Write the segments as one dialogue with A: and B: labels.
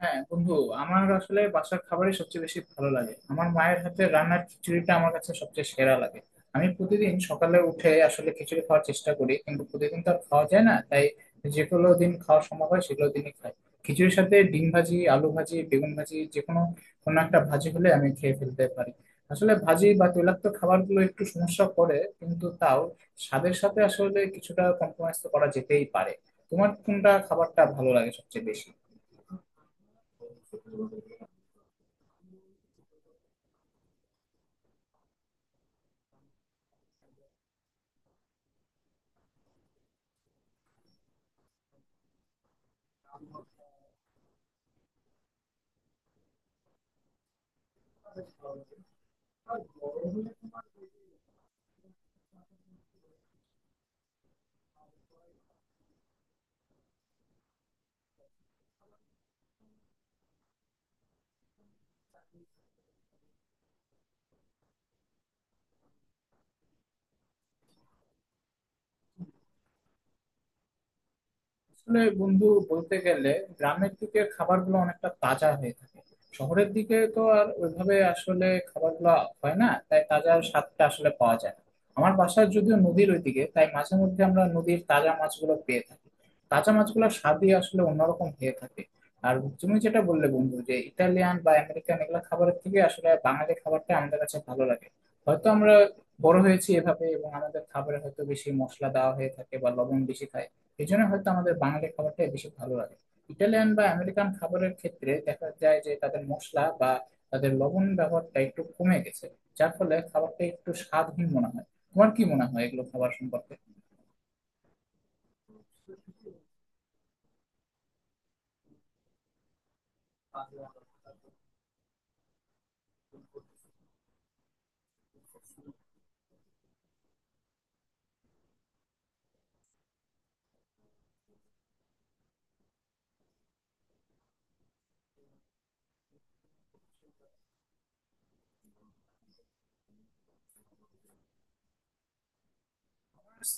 A: হ্যাঁ বন্ধু। আমার আসলে বাসার খাবারই সবচেয়ে বেশি ভালো লাগে। আমার মায়ের হাতের রান্নার খিচুড়িটা আমার কাছে সবচেয়ে সেরা লাগে। আমি প্রতিদিন সকালে উঠে আসলে খিচুড়ি খাওয়ার চেষ্টা করি, কিন্তু প্রতিদিন তো আর খাওয়া যায় না, তাই যেগুলো দিন খাওয়া সম্ভব হয় সেগুলো দিনই খাই। খিচুড়ির সাথে ডিম ভাজি, আলু ভাজি, বেগুন ভাজি, যে কোনো কোনো একটা ভাজি হলে আমি খেয়ে ফেলতে পারি। আসলে ভাজি বা তৈলাক্ত খাবারগুলো একটু সমস্যা করে, কিন্তু তাও স্বাদের সাথে আসলে কিছুটা কম্প্রোমাইজ তো করা যেতেই পারে। তোমার কোনটা খাবারটা ভালো লাগে সবচেয়ে বেশি? আসলে বন্ধু, বলতে গেলে গ্রামের দিকে খাবারগুলো অনেকটা তাজা হয়ে থাকে। শহরের দিকে তো আর ওইভাবে আসলে খাবারগুলো হয় না, তাই তাজা স্বাদটা আসলে পাওয়া যায় না। আমার বাসায় যদিও নদীর ওইদিকে, তাই মাঝে মধ্যে আমরা নদীর তাজা মাছগুলো পেয়ে থাকি। তাজা মাছগুলোর স্বাদই আসলে অন্যরকম হয়ে থাকে। আর তুমি যেটা বললে বন্ধু, যে ইটালিয়ান বা আমেরিকান এগুলো খাবারের থেকে আসলে বাঙালি খাবারটা আমাদের কাছে ভালো লাগে। হয়তো আমরা বড় হয়েছি এভাবে এবং আমাদের খাবারে হয়তো বেশি মশলা দেওয়া হয়ে থাকে বা লবণ বেশি খাই, এই জন্য হয়তো আমাদের বাঙালি খাবারটাই বেশি ভালো লাগে। ইটালিয়ান বা আমেরিকান খাবারের ক্ষেত্রে দেখা যায় যে তাদের মশলা বা তাদের লবণ ব্যবহারটা একটু কমে গেছে, যার ফলে খাবারটা একটু স্বাদহীন মনে হয়। তোমার কি মনে হয় এগুলো খাবার সম্পর্কে?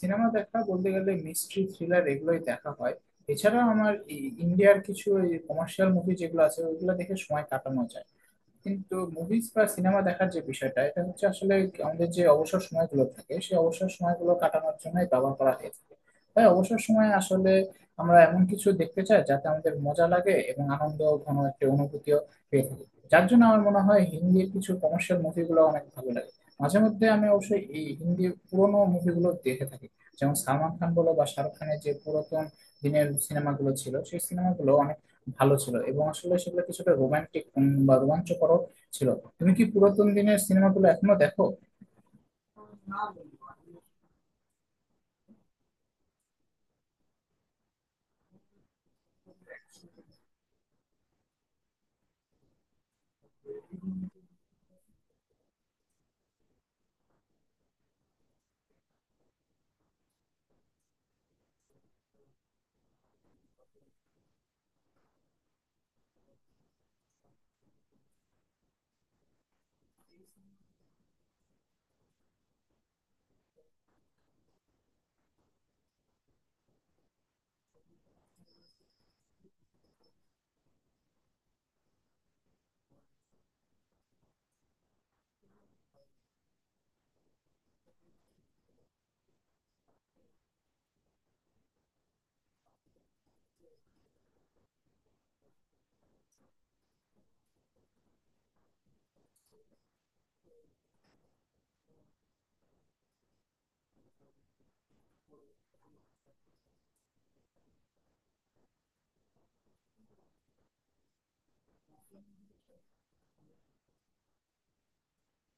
A: সিনেমা দেখা বলতে গেলে মিস্ট্রি থ্রিলার এগুলোই দেখা হয়। এছাড়া আমার ইন্ডিয়ার কিছু কমার্শিয়াল মুভি যেগুলো আছে ওইগুলো দেখে সময় কাটানো যায়। কিন্তু মুভিজ বা সিনেমা দেখার যে বিষয়টা, এটা হচ্ছে আসলে আমাদের যে অবসর সময়গুলো থাকে সেই অবসর সময়গুলো কাটানোর জন্যই ব্যবহার করা হয়ে থাকে। তাই অবসর সময়ে আসলে আমরা এমন কিছু দেখতে চাই যাতে আমাদের মজা লাগে এবং আনন্দ ঘন একটা অনুভূতিও পেয়ে থাকি। যার জন্য আমার মনে হয় হিন্দির কিছু কমার্শিয়াল মুভিগুলো অনেক ভালো লাগে। মাঝে মধ্যে আমি অবশ্যই এই হিন্দি পুরোনো মুভিগুলো দেখে থাকি। যেমন সালমান খান বলো বা শাহরুখ খানের যে পুরাতন দিনের সিনেমাগুলো ছিল, সেই সিনেমাগুলো অনেক ভালো ছিল এবং আসলে সেগুলো কিছুটা রোমান্টিক বা রোমাঞ্চকর ছিল। তুমি কি পুরাতন দিনের সিনেমাগুলো এখনো দেখো?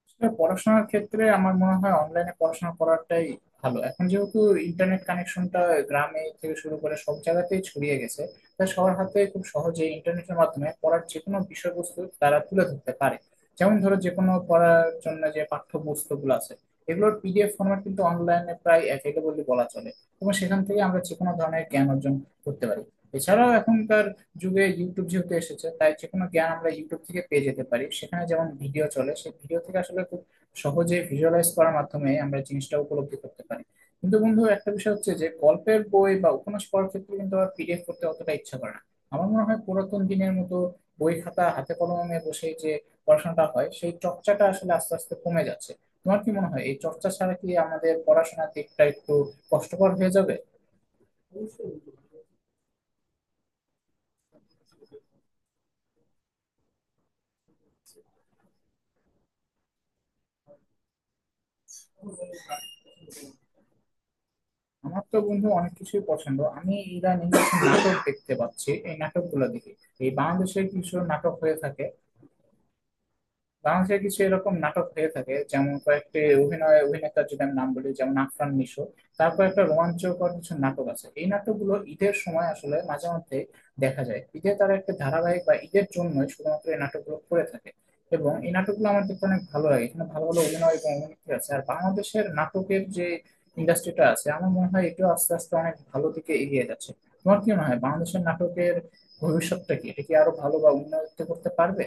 A: আসলে পড়াশোনার ক্ষেত্রে আমার মনে হয় অনলাইনে পড়াশোনা করাটাই ভালো, এখন যেহেতু ইন্টারনেট কানেকশনটা গ্রামে থেকে শুরু করে সব জায়গাতেই ছড়িয়ে গেছে। তাই সবার হাতে খুব সহজে ইন্টারনেটের মাধ্যমে পড়ার যে কোনো বিষয়বস্তু তারা তুলে ধরতে পারে। যেমন ধরো যে কোনো পড়ার জন্য যে পাঠ্যপুস্তকগুলো আছে, এগুলোর পিডিএফ ফরম্যাট কিন্তু অনলাইনে প্রায় অ্যাভেলেবল বলা চলে এবং সেখান থেকে আমরা যে কোনো ধরনের জ্ঞান অর্জন করতে পারি। এছাড়াও এখনকার যুগে ইউটিউব যেহেতু এসেছে, তাই যে কোনো জ্ঞান আমরা ইউটিউব থেকে পেয়ে যেতে পারি। সেখানে যেমন ভিডিও চলে সেই ভিডিও থেকে আসলে খুব সহজে ভিজুয়ালাইজ করার মাধ্যমে আমরা জিনিসটা উপলব্ধি করতে পারি। কিন্তু বন্ধু, একটা বিষয় হচ্ছে যে গল্পের বই বা উপন্যাস পড়ার ক্ষেত্রে কিন্তু আমার পিডিএফ করতে অতটা ইচ্ছা করে না। আমার মনে হয় পুরাতন দিনের মতো বই খাতা হাতে কলমে বসে যে পড়াশোনাটা হয় সেই চর্চাটা আসলে আস্তে আস্তে কমে যাচ্ছে। তোমার কি মনে হয় এই চর্চা ছাড়া কি আমাদের পড়াশোনার দিকটা একটু কষ্টকর হয়ে যাবে? আমার তো বন্ধু অনেক কিছুই পছন্দ। আমি ইদানিং কিছু নাটক দেখতে পাচ্ছি, এই নাটকগুলো দেখি। এই বাংলাদেশের কিছু নাটক হয়ে থাকে। বাংলাদেশে কিছু এরকম নাটক হয়ে থাকে, যেমন কয়েকটি অভিনয় অভিনেতার যদি আমি নাম বলি, যেমন আফরান নিশো। তারপর একটা রোমাঞ্চকর কিছু নাটক আছে, এই নাটকগুলো ঈদের সময় আসলে মাঝে মধ্যে দেখা যায়। ঈদে তারা একটা ধারাবাহিক বা ঈদের জন্যই শুধুমাত্র এই নাটকগুলো করে থাকে এবং এই নাটকগুলো আমার দেখতে অনেক ভালো লাগে। এখানে ভালো ভালো অভিনয় এবং অভিনেত্রী আছে। আর বাংলাদেশের নাটকের যে ইন্ডাস্ট্রিটা আছে, আমার মনে হয় এটাও আস্তে আস্তে অনেক ভালো দিকে এগিয়ে যাচ্ছে। তোমার কি মনে হয় বাংলাদেশের নাটকের ভবিষ্যৎটা কি? এটা কি আরো ভালো বা উন্নত করতে পারবে?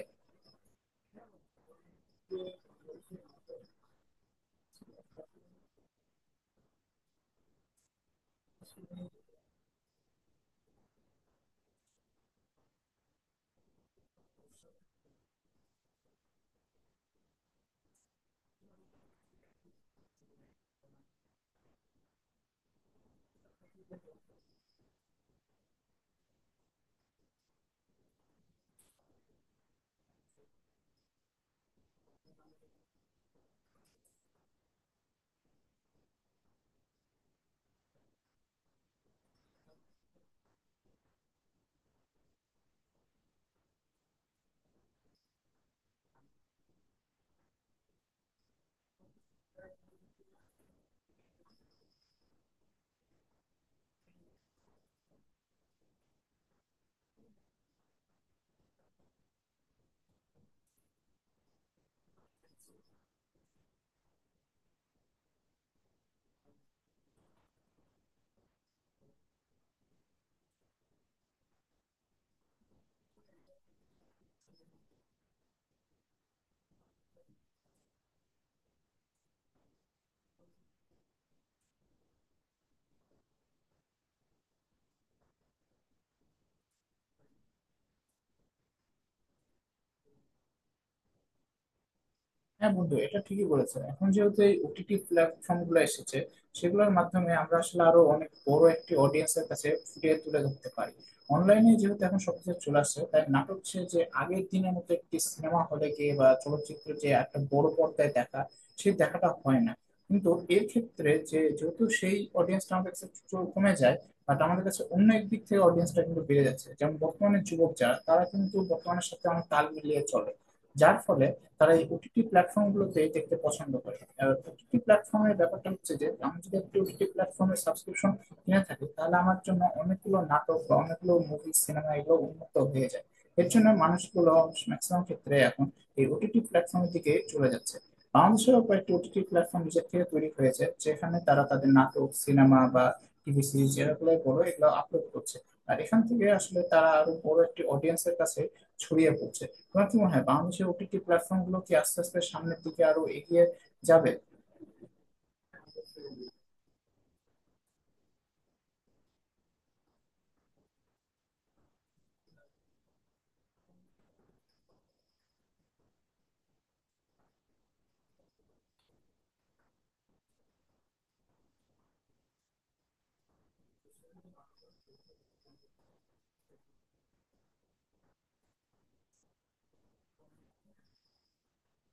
A: হ্যাঁ বন্ধু, এটা ঠিকই বলেছো। এখন যেহেতু এই ওটিটি প্ল্যাটফর্ম গুলো এসেছে, সেগুলোর মাধ্যমে আমরা আসলে আরো অনেক বড় একটি অডিয়েন্সের কাছে ফুটিয়ে তুলে ধরতে পারি। অনলাইনে যেহেতু এখন সবকিছু চলে আসছে, তাই নাটক সে যে আগের দিনের মতো একটি সিনেমা হলে গিয়ে বা চলচ্চিত্র যে একটা বড় পর্দায় দেখা, সেই দেখাটা হয় না। কিন্তু এর ক্ষেত্রে যে যেহেতু সেই অডিয়েন্সটা আমাদের কাছে কমে যায়, বাট আমাদের কাছে অন্য এক দিক থেকে অডিয়েন্সটা কিন্তু বেড়ে যাচ্ছে। যেমন বর্তমানে যুবক যারা, তারা কিন্তু বর্তমানের সাথে অনেক তাল মিলিয়ে চলে। যার ফলে তারা এই ওটিটি প্ল্যাটফর্মগুলোতে দেখতে পছন্দ করে। ওটিটি প্ল্যাটফর্মের ব্যাপারটা হচ্ছে যে আমি যদি একটি ওটিটি প্ল্যাটফর্মের সাবস্ক্রিপশন কিনে থাকি, তাহলে আমার জন্য অনেকগুলো নাটক বা অনেকগুলো মুভি সিনেমা এগুলো উন্মুক্ত হয়ে যায়। এর জন্য মানুষগুলো ম্যাক্সিমাম ক্ষেত্রে এখন এই ওটিটি প্ল্যাটফর্মের দিকে চলে যাচ্ছে। বাংলাদেশেও কয়েকটি ওটিটি প্ল্যাটফর্ম নিজের থেকে তৈরি হয়েছে, যেখানে তারা তাদের নাটক সিনেমা বা টিভি সিরিজ যেগুলো বড় এগুলো আপলোড করছে। আর এখান থেকে আসলে তারা আরো বড় একটি অডিয়েন্সের কাছে ছড়িয়ে পড়ছে। তোমার কি মনে হয় বাংলাদেশের ওটিটি প্ল্যাটফর্ম গুলো কি আস্তে আস্তে সামনের দিকে আরো এগিয়ে যাবে?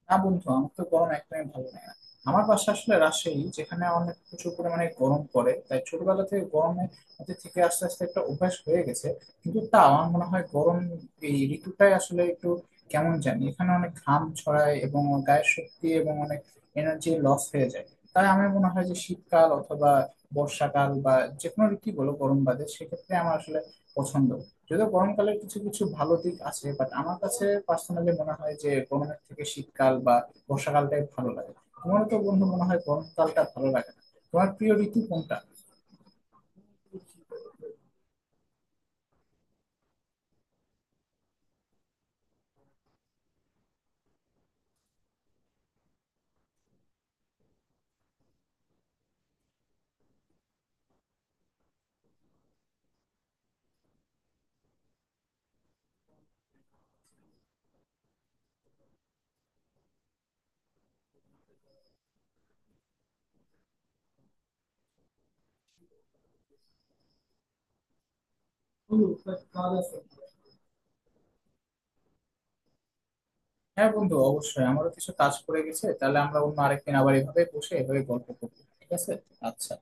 A: না বন্ধু, আমার তো গরম একদমই ভালো লাগে না। আমার বাসা আসলে রাজশাহী, যেখানে অনেক প্রচুর পরিমাণে গরম পড়ে, তাই ছোটবেলা থেকে গরমের মধ্যে থেকে আস্তে আস্তে একটা অভ্যাস হয়ে গেছে। কিন্তু তা আমার মনে হয় গরম এই ঋতুটাই আসলে একটু কেমন জানি, এখানে অনেক ঘাম ছড়ায় এবং গায়ের শক্তি এবং অনেক এনার্জি লস হয়ে যায়। তাই আমার মনে হয় যে শীতকাল অথবা বর্ষাকাল বা যে কোনো ঋতু বলো গরম বাদে, সেক্ষেত্রে আমার আসলে পছন্দ। যদিও গরমকালে কিছু কিছু ভালো দিক আছে, বাট আমার কাছে পার্সোনালি মনে হয় যে গরমের থেকে শীতকাল বা বর্ষাকালটাই ভালো লাগে। তোমার তো বন্ধু মনে হয় গরমকালটা ভালো লাগে না। তোমার প্রিয় ঋতু কোনটা? হ্যাঁ বন্ধু, অবশ্যই আমারও কিছু কাজ পড়ে গেছে। তাহলে আমরা অন্য আরেকদিন আবার এভাবে বসে এভাবে গল্প করবো, ঠিক আছে? আচ্ছা।